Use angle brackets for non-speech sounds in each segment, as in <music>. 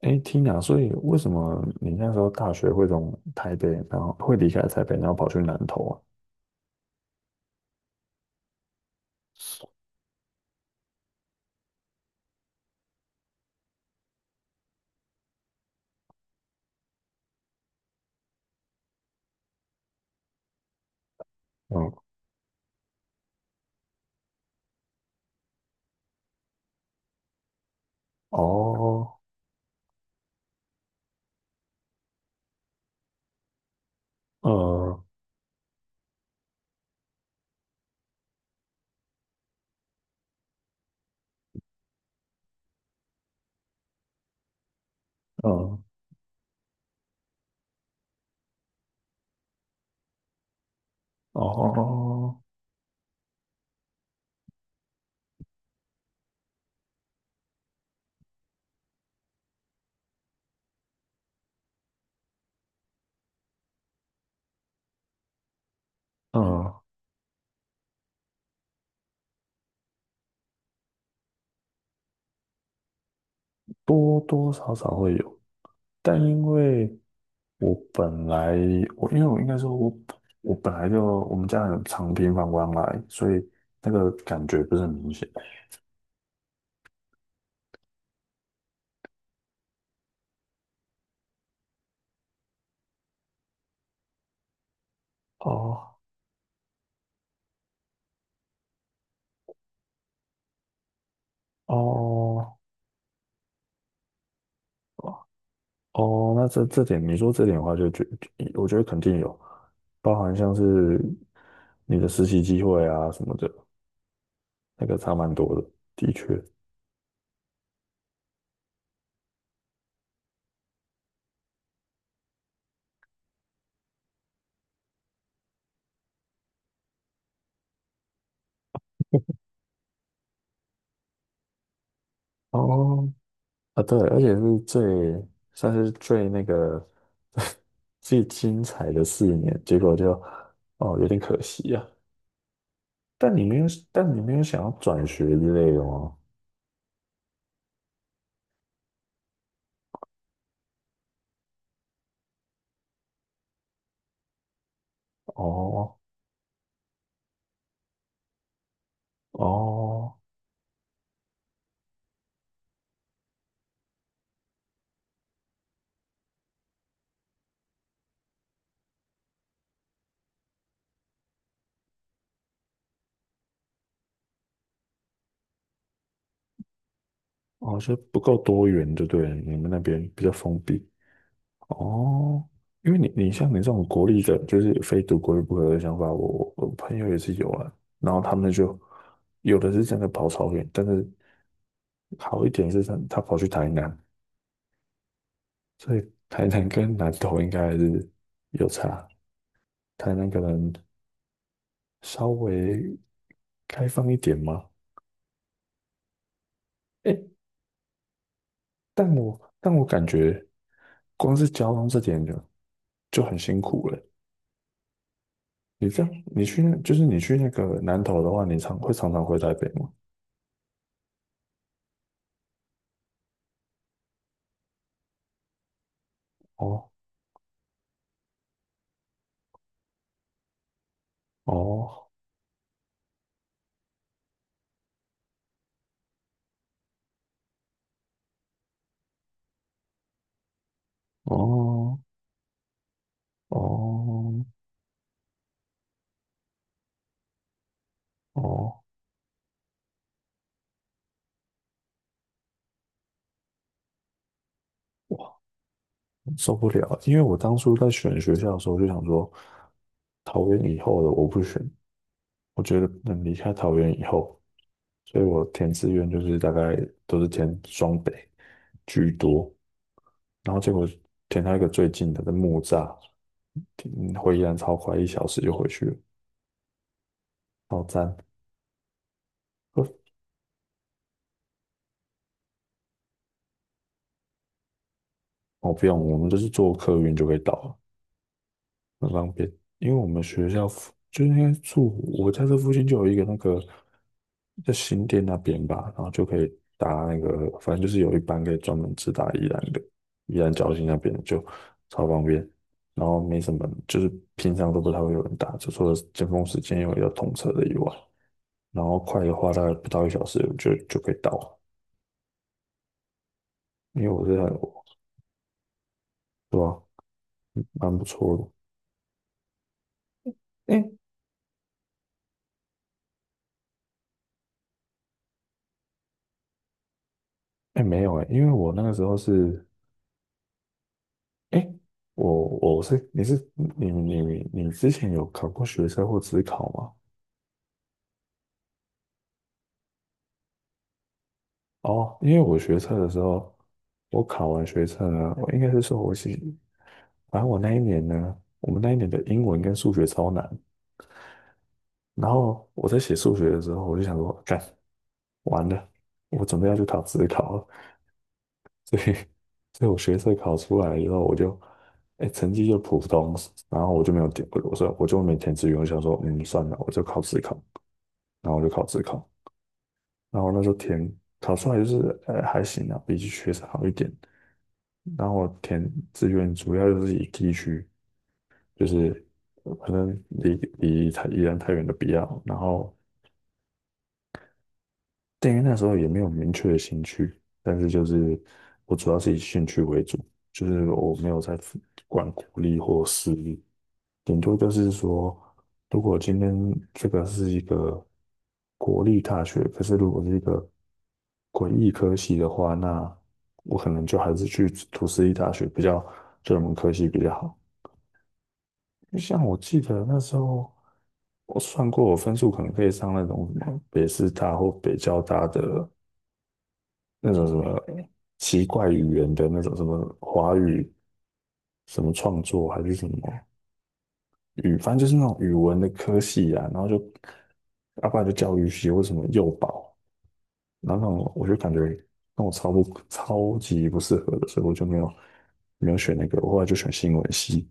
所以为什么你那时候大学会从台北，然后会离开台北，然后跑去南投啊？嗯。哦。呃，嗯。哦。嗯，多多少少会有，但因为我本来我因为我应该说我我本来就我们家很常频繁往来，所以那个感觉不是很明显。哦哦哦，那这点你说这点的话就，我觉得肯定有，包含像是你的实习机会啊什么的，那个差蛮多的，的确。哦，啊对，而且是最算是最那个 <laughs> 最精彩的4年，结果就哦有点可惜啊。但你没有，但你没有想要转学之类的吗？哦哦哦，就不够多元，就对了，你们那边比较封闭。哦，因为像你这种国力的，就是非读国力不可的想法，我朋友也是有啊。然后他们就有的是真的跑超远，但是好一点是他跑去台南，所以台南跟南投应该还是有差。台南可能稍微开放一点吗？诶，但我感觉光是交通这点就很辛苦了。你这样，你去那就是你去那个南投的话，会常常回台北吗？哦，哦哦哦哦，受不了！因为我当初在选学校的时候就想说，桃园以后的我不选，我觉得能离开桃园以后，所以我填志愿就是大概都是填双北居多，然后结果填到一个最近的在木栅，回宜兰超快，一小时就回去了，好赞！<laughs> 呃哦，不用，我们就是坐客运就可以到了。很方便，因为我们学校附就应该住我家这附近就有一个那个在新店那边吧，然后就可以搭那个，反正就是有一班可以专门直达宜兰的，宜兰礁溪那边的就超方便，然后没什么，就是平常都不太会有人搭，就除了尖峰时间有要通车的以外，然后快的话大概不到一小时就可以到了，因为我是很，对吧，蛮不错的。哎哎，没有哎，因为我那个时候是哎，我我是你是你你你之前有考过学测或自考吗？哦，因为我学测的时候，我考完学测呢，我应该是说我是，反正我那一年呢，我们那一年的英文跟数学超难。然后我在写数学的时候，我就想说，干，完了，我准备要去考自考了，<laughs> 所以，所以我学测考出来以后，哎，成绩就普通，然后我就没填志愿，我想说，嗯，算了，我就考自考，然后我就考自考，然后那时候考出来就是还行啊，比起学生好一点。然后我填志愿主要就是以地区，就是可能离太宜兰太远的比较。然后对，因为那时候也没有明确的兴趣，但是就是我主要是以兴趣为主，就是我没有在管国立或私立，顶多就是说，如果今天这个是一个国立大学，可是如果是一个诡立科系的话，那我可能就还是去读私立大学比较，对门科系比较好。像我记得那时候我算过，我分数可能可以上那种什么北师大或北交大的。那种什么奇怪语言的那种什么华语什么创作还是什么语，反正就是那种语文的科系啊，然后就阿爸然就教育系或什么幼保，然后我就感觉那我超级不适合的，所以我就没有选那个，我后来就选新闻系，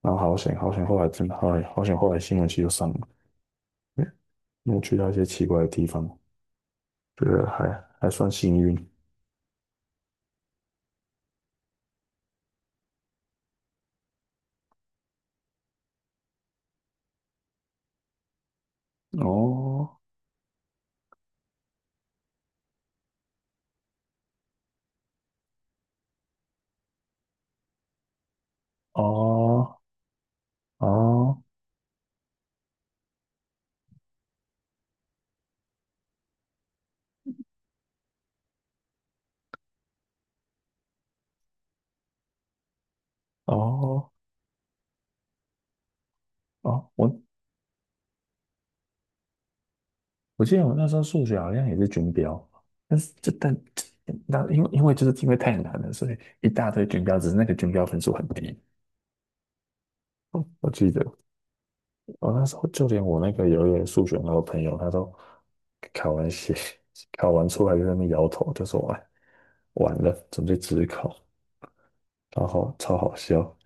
然后好险好险，后来真的好险好险，后来新闻系就上了，因为因为去到一些奇怪的地方，觉得还算幸运哦哦哦哦。哦，我记得我那时候数学好像也是军标，但是就但那因为因为就是因为太难了，所以一大堆军标，只是那个军标分数很低。哦，我记得我那时候就连我那个有一个数学老朋友，他都考完写 <laughs> 考完出来就在那边摇头，就说哎完了，准备只考，然后超好笑。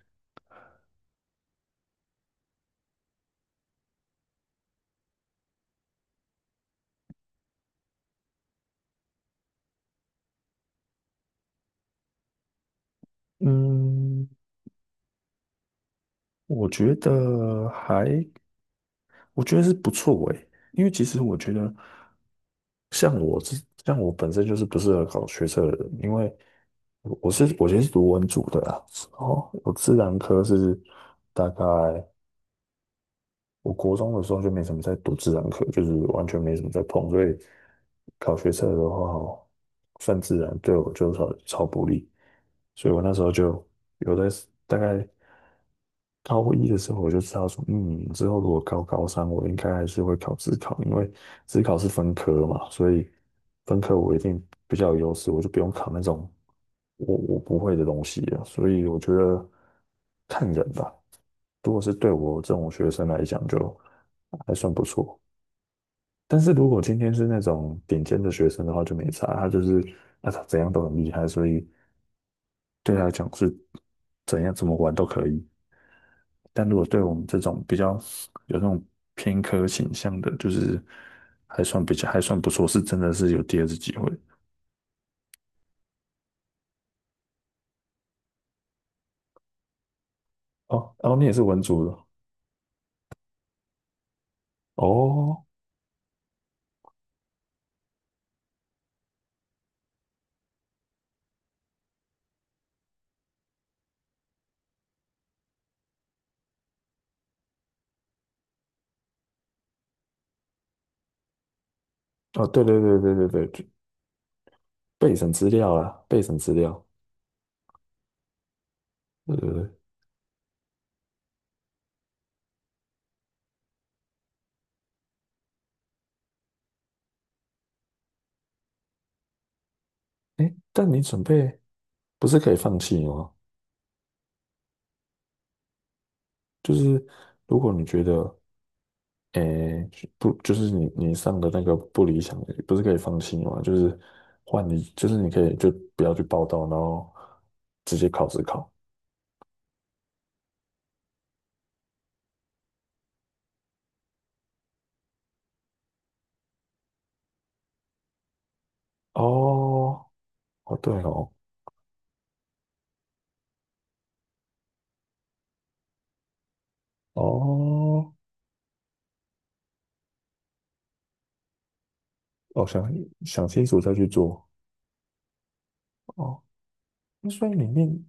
嗯，我觉得还我觉得是不错诶，因为其实我觉得。像我这，像我本身就是不适合搞学测的人，因为我其实是读文组的啊，哦，我自然科是大概我国中的时候就没什么在读自然科，就是完全没什么在碰，所以考学测的话，算自然对我就超不利，所以我那时候就有的大概高一的时候我就知道说，嗯，之后如果高三，我应该还是会考自考，因为自考是分科嘛，所以分科我一定比较有优势，我就不用考那种我不会的东西了。所以我觉得看人吧，如果是对我这种学生来讲，就还算不错。但是如果今天是那种顶尖的学生的话，就没差，他就是啊他怎样都很厉害，所以对他来讲是怎样怎么玩都可以。但如果对我们这种比较有那种偏科倾向的，就是还算比较还算不错，是真的是有第二次机会。哦，哦，你也是文组的哦，哦，对对对对对对，就备审资料啦，备审资料，对对对。哎，但你准备不是可以放弃吗？就是如果你觉得诶，不，就是你上的那个不理想的，不是可以放弃吗？就是换你，就是你可以就不要去报到，然后直接考试考。哦，哦，对哦，哦，哦，想想清楚再去做。哦，那所以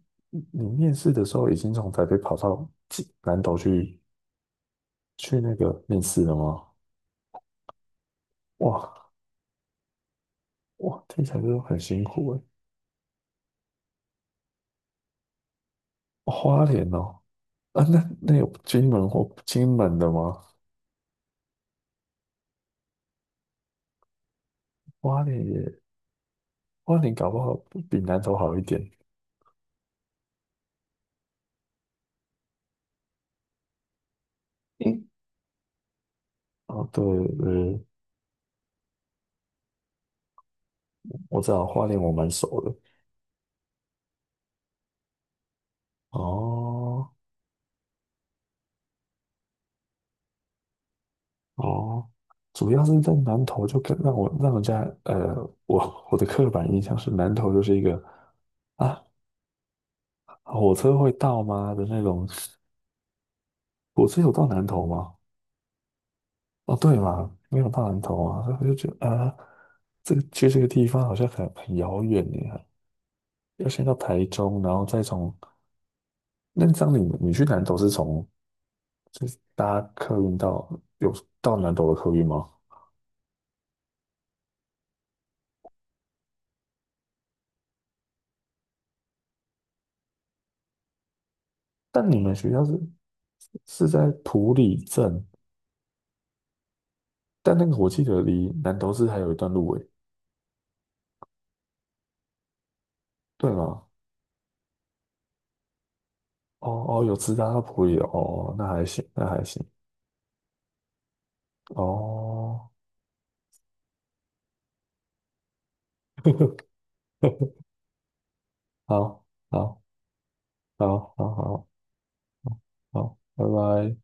你面试的时候已经从台北跑到济南岛去那个面试了吗？哇，哇，听起来就很辛苦哎。哦花莲哦，啊，那有金门或金门的吗？花莲也，花莲搞不好比南投好一点。嗯，哦，对，我知道花莲我蛮熟的。哦哦，主要是在南投就跟让人家我的刻板印象是南投就是一个啊，火车会到吗的那种。火车有到南投吗？哦，对嘛，没有到南头啊，所以我就觉得啊，去这个地方好像很遥远耶，要先到台中，然后再从你去南投是从就是搭客运到有到南投的客运吗？但你们学校是在埔里镇，但那个我记得离南投市还有一段路诶，对吗？哦哦，有直达到埔里的哦，那还行，那还行哦，<laughs> 好好好好好好，拜拜。